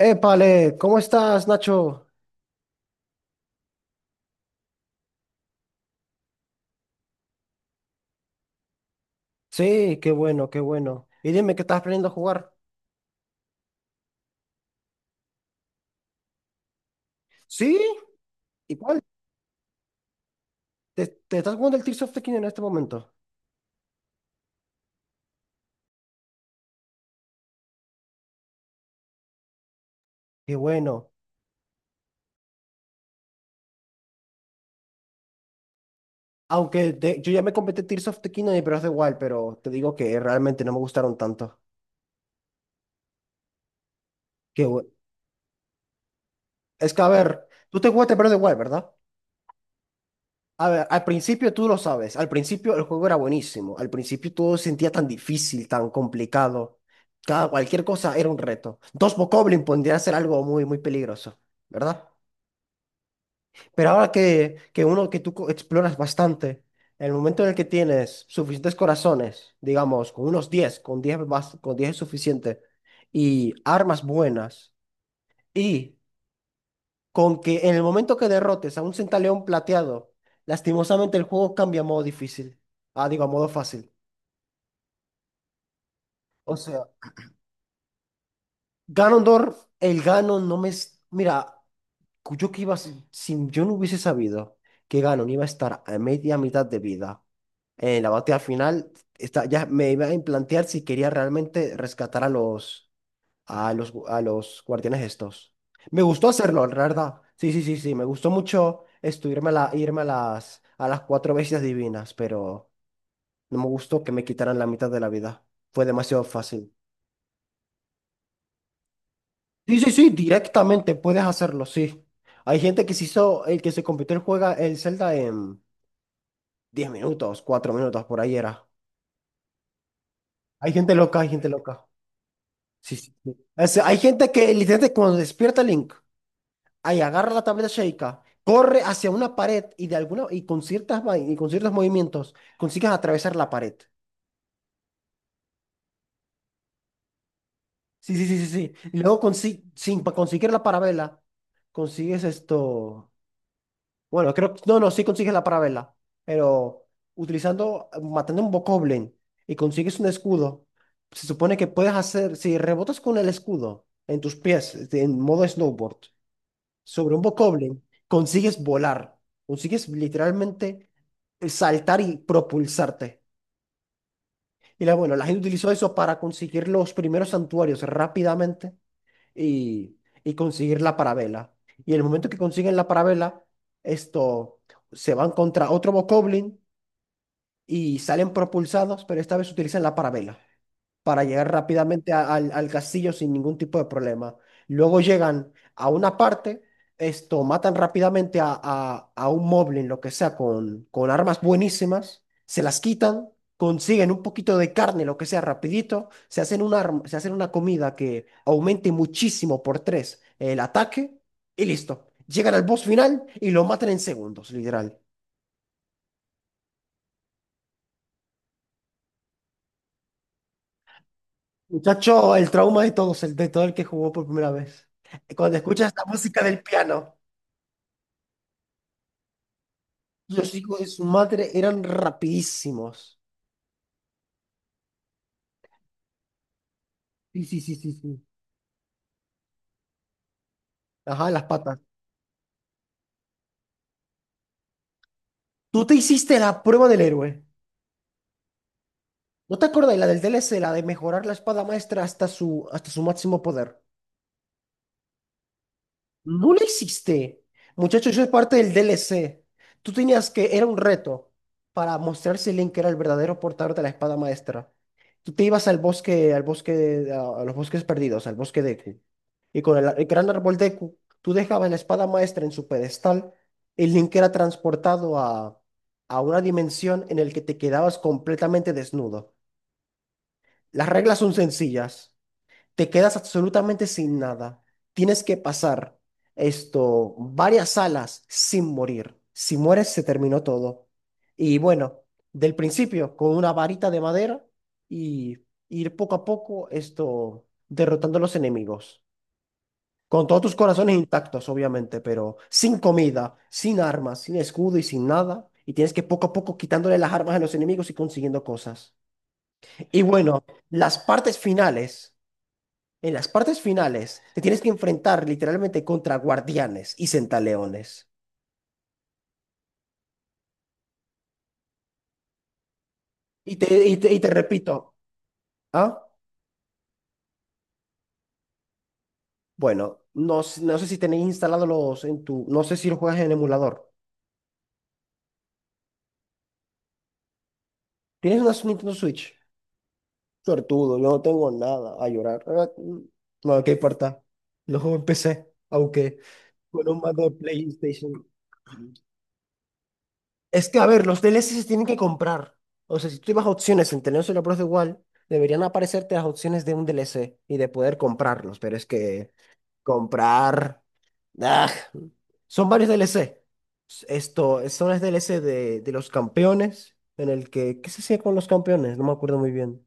Épale, ¿cómo estás, Nacho? Sí, qué bueno, qué bueno. Y dime que estás aprendiendo a jugar. ¿Sí? ¿Y cuál? ¿¿Te estás jugando el Tears of the Kingdom en este momento? Qué bueno. Aunque yo ya me completé Tears of the Kingdom y Breath of the Wild, pero te digo que realmente no me gustaron tanto. Qué bu- Es que, a ver, tú te jugaste Breath of the Wild, ¿verdad? A ver, al principio tú lo sabes, al principio el juego era buenísimo, al principio todo se sentía tan difícil, tan complicado, cada cualquier cosa era un reto. Dos Bokoblin podría ser algo muy, muy peligroso, ¿verdad? Pero ahora que uno que exploras bastante, en el momento en el que tienes suficientes corazones, digamos, con unos 10, con 10 más, con 10 es suficiente, y armas buenas, y con que en el momento que derrotes a un centaleón plateado, lastimosamente el juego cambia a modo difícil. Ah, digo, a modo fácil. O sea, Ganondorf, el Ganon no me... Mira, yo que iba... yo no hubiese sabido que Ganon iba a estar a media mitad de vida en la batalla final, está, ya me iba a plantear si quería realmente rescatar a los... a los, a los guardianes estos. Me gustó hacerlo, la verdad. Sí, sí, sí, sí. Me gustó mucho esto, irme a las cuatro bestias divinas, pero no me gustó que me quitaran la mitad de la vida. Fue demasiado fácil. Sí, sí, sí, directamente puedes hacerlo, sí. Hay gente que se hizo, el que se compitió el juega el Zelda en 10 minutos, 4 minutos, por ahí era. Hay gente loca, hay gente loca. Sí, sí, sí. O sea, hay gente que literalmente cuando despierta Link. Ahí agarra la tableta Sheikah, corre hacia una pared y de alguna y con y con ciertos movimientos consigues atravesar la pared. Sí, sí, sí, sí, sí. Y luego consi- sin pa- conseguir la parabela, consigues esto. Bueno, creo que no, no, sí consigues la parabela, pero utilizando matando un bokoblin y consigues un escudo, se supone que puedes hacer si rebotas con el escudo en tus pies este, en modo snowboard sobre un bokoblin, consigues volar, consigues literalmente saltar y propulsarte. Y la, bueno, la gente utilizó eso para conseguir los primeros santuarios rápidamente y, y conseguir la parabela. Y en el momento que consiguen la parabela, esto, se van contra otro bokoblin y salen propulsados, pero esta vez utilizan la parabela para llegar rápidamente al castillo sin ningún tipo de problema. Luego llegan a una parte, esto, matan rápidamente a un moblin, lo que sea, con armas buenísimas, se las quitan, consiguen un poquito de carne, lo que sea, rapidito, se hacen un arma, se hacen una comida que aumente muchísimo por tres el ataque y listo. Llegan al boss final y lo matan en segundos, literal. Muchacho, el trauma de todos, el de todo el que jugó por primera vez. Cuando escuchas la música del piano. Los hijos de su madre eran rapidísimos. Sí, sí, sí, sí, sí. Ajá, las patas. Tú te hiciste la prueba del héroe. ¿No te acordás la del DLC, la de mejorar la espada maestra hasta su máximo poder? No lo hiciste. Muchacho, eso es parte del DLC. Tú tenías que, era un reto para mostrar si Link era el verdadero portador de la espada maestra. Tú te ibas al bosque, a los bosques perdidos, al bosque de Q. Y con el gran árbol de Q, tú dejabas la espada maestra en su pedestal, y Link era transportado a una dimensión en la que te quedabas completamente desnudo. Las reglas son sencillas, te quedas absolutamente sin nada. Tienes que pasar esto, varias salas sin morir. Si mueres, se terminó todo. Y bueno, del principio, con una varita de madera y ir poco a poco esto, derrotando a los enemigos. Con todos tus corazones intactos, obviamente, pero sin comida, sin armas, sin escudo y sin nada. Y tienes que poco a poco quitándole las armas a los enemigos y consiguiendo cosas. Y bueno, las partes finales. En las partes finales, te tienes que enfrentar literalmente contra guardianes y centaleones. Y te repito, ¿ah? Bueno, no, no sé si tenéis instalados los en tu. No sé si lo juegas en emulador. ¿Tienes una Nintendo Switch? Suertudo, yo no tengo nada a llorar. No, ¿qué importa? Lo juego en PC, aunque con un mando de PlayStation. Es que, a ver, los DLC se tienen que comprar. O sea, si tú ibas a opciones en tener solo Pro de igual, deberían aparecerte las opciones de un DLC y de poder comprarlos. Pero es que comprar. ¡Ah! Son varios DLC. Esto, son los DLC de los campeones. En el que. ¿Qué se hacía con los campeones? No me acuerdo muy bien.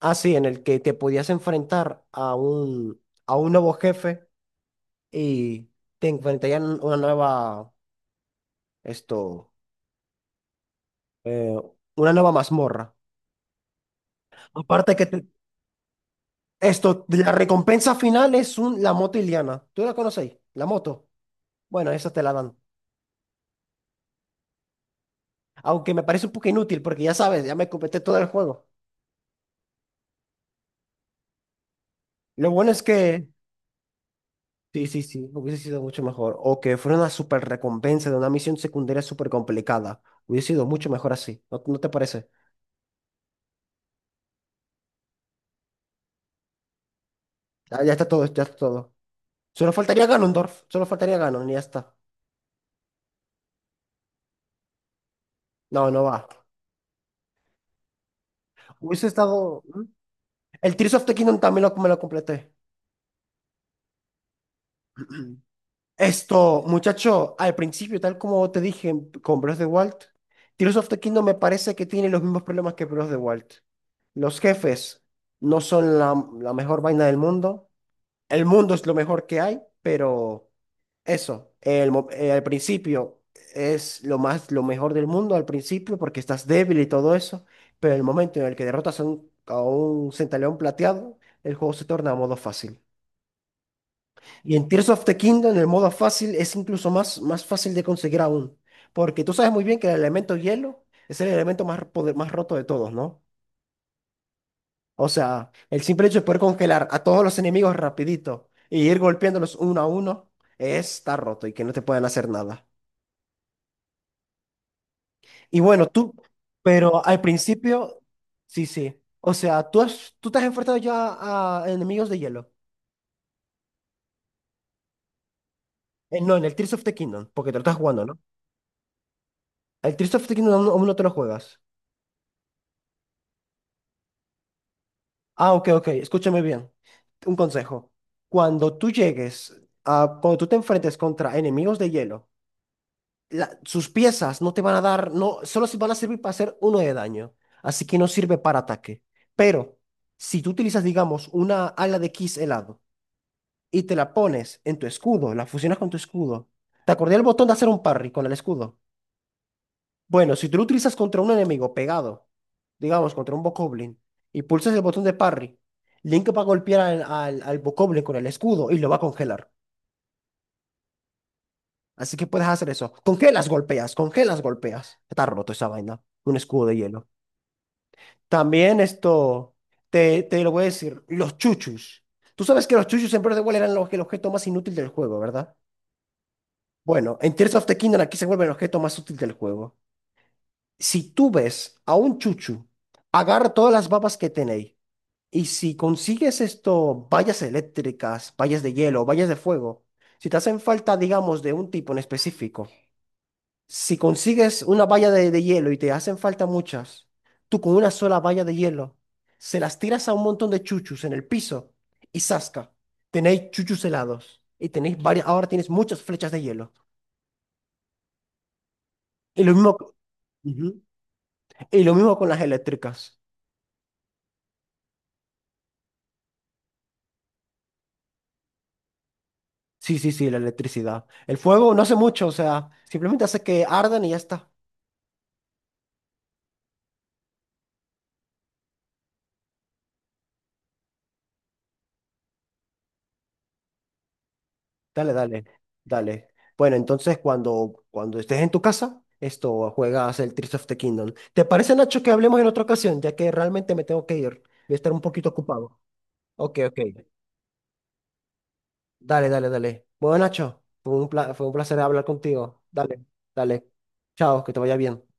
Ah, sí, en el que te podías enfrentar a un nuevo jefe y te enfrentarían una nueva. Esto. eh, una nueva mazmorra. Aparte esto, la recompensa final es un, la moto Iliana. ¿Tú la conocéis? La moto. Bueno, esa te la dan. Aunque me parece un poco inútil porque ya sabes, ya me completé todo el juego. Lo bueno es que... Sí, sí, sí, hubiese sido mucho mejor. O que fuera una super recompensa de una misión secundaria súper complicada. Hubiese sido mucho mejor así. ¿No, no te parece? Ya, ya está todo, ya está todo. Solo faltaría Ganondorf. Solo faltaría Ganon y ya está. No, no va. Hubiese estado... El Tears of the Kingdom también lo, me lo completé. Esto, muchacho, al principio, tal como te dije con Breath of the Wild, Tears of the Kingdom me parece que tiene los mismos problemas que Breath of the Wild. Los jefes no son la mejor vaina del mundo. El mundo es lo mejor que hay, pero eso, al principio es lo más, lo mejor del mundo al principio porque estás débil y todo eso, pero el momento en el que derrotas a a un centaleón plateado, el juego se torna a modo fácil. Y en Tears of the Kingdom, el modo fácil, es incluso más, más fácil de conseguir aún. Porque tú sabes muy bien que el elemento hielo es el elemento más, más roto de todos, ¿no? O sea, el simple hecho de poder congelar a todos los enemigos rapidito y ir golpeándolos uno a uno, está roto y que no te puedan hacer nada. Y bueno, tú, pero al principio, sí, sí. O sea, tú te has enfrentado ya a enemigos de hielo. No, en el Tears of the Kingdom, porque te lo estás jugando, ¿no? El Tears of the Kingdom aún no te lo juegas. Ah, ok, ok, escúchame bien. Un consejo. Cuando tú te enfrentes contra enemigos de hielo, sus piezas no te van a dar, no, solo se van a servir para hacer uno de daño. Así que no sirve para ataque. Pero si tú utilizas, digamos, una ala de Kiss helado y te la pones en tu escudo, la fusionas con tu escudo, ¿te acordé el botón de hacer un parry con el escudo? Bueno, si tú lo utilizas contra un enemigo pegado, digamos, contra un Bokoblin, y pulsas el botón de parry, Link va a golpear al Bokoblin con el escudo y lo va a congelar. Así que puedes hacer eso. Congelas, golpeas, congelas, golpeas. Está roto esa vaina. Un escudo de hielo. También esto, te lo voy a decir, los chuchus. Tú sabes que los chuchus en Breath of the Wild eran los, el objeto más inútil del juego, ¿verdad? Bueno, en Tears of the Kingdom aquí se vuelve el objeto más útil del juego. Si tú ves a un chuchu, agarra todas las babas que tenéis. Y si consigues esto, vallas eléctricas, vallas de hielo, vallas de fuego, si te hacen falta, digamos, de un tipo en específico, si consigues una valla de hielo y te hacen falta muchas, tú con una sola valla de hielo, se las tiras a un montón de chuchus en el piso y zasca, tenéis chuchus helados y tenéis varias, ahora tienes muchas flechas de hielo. Y lo mismo, co- Ujú. Y lo mismo con las eléctricas. Sí, sí, sí, la electricidad. El fuego no hace mucho, o sea, simplemente hace que ardan y ya está. Dale, dale, dale. Bueno, entonces cuando estés en tu casa, esto juegas el Tears of the Kingdom. ¿Te parece, Nacho, que hablemos en otra ocasión? Ya que realmente me tengo que ir. Voy a estar un poquito ocupado. Ok, ok. Dale, dale, dale. Bueno, Nacho, fue un fue un placer hablar contigo. Dale, dale. Chao, que te vaya bien.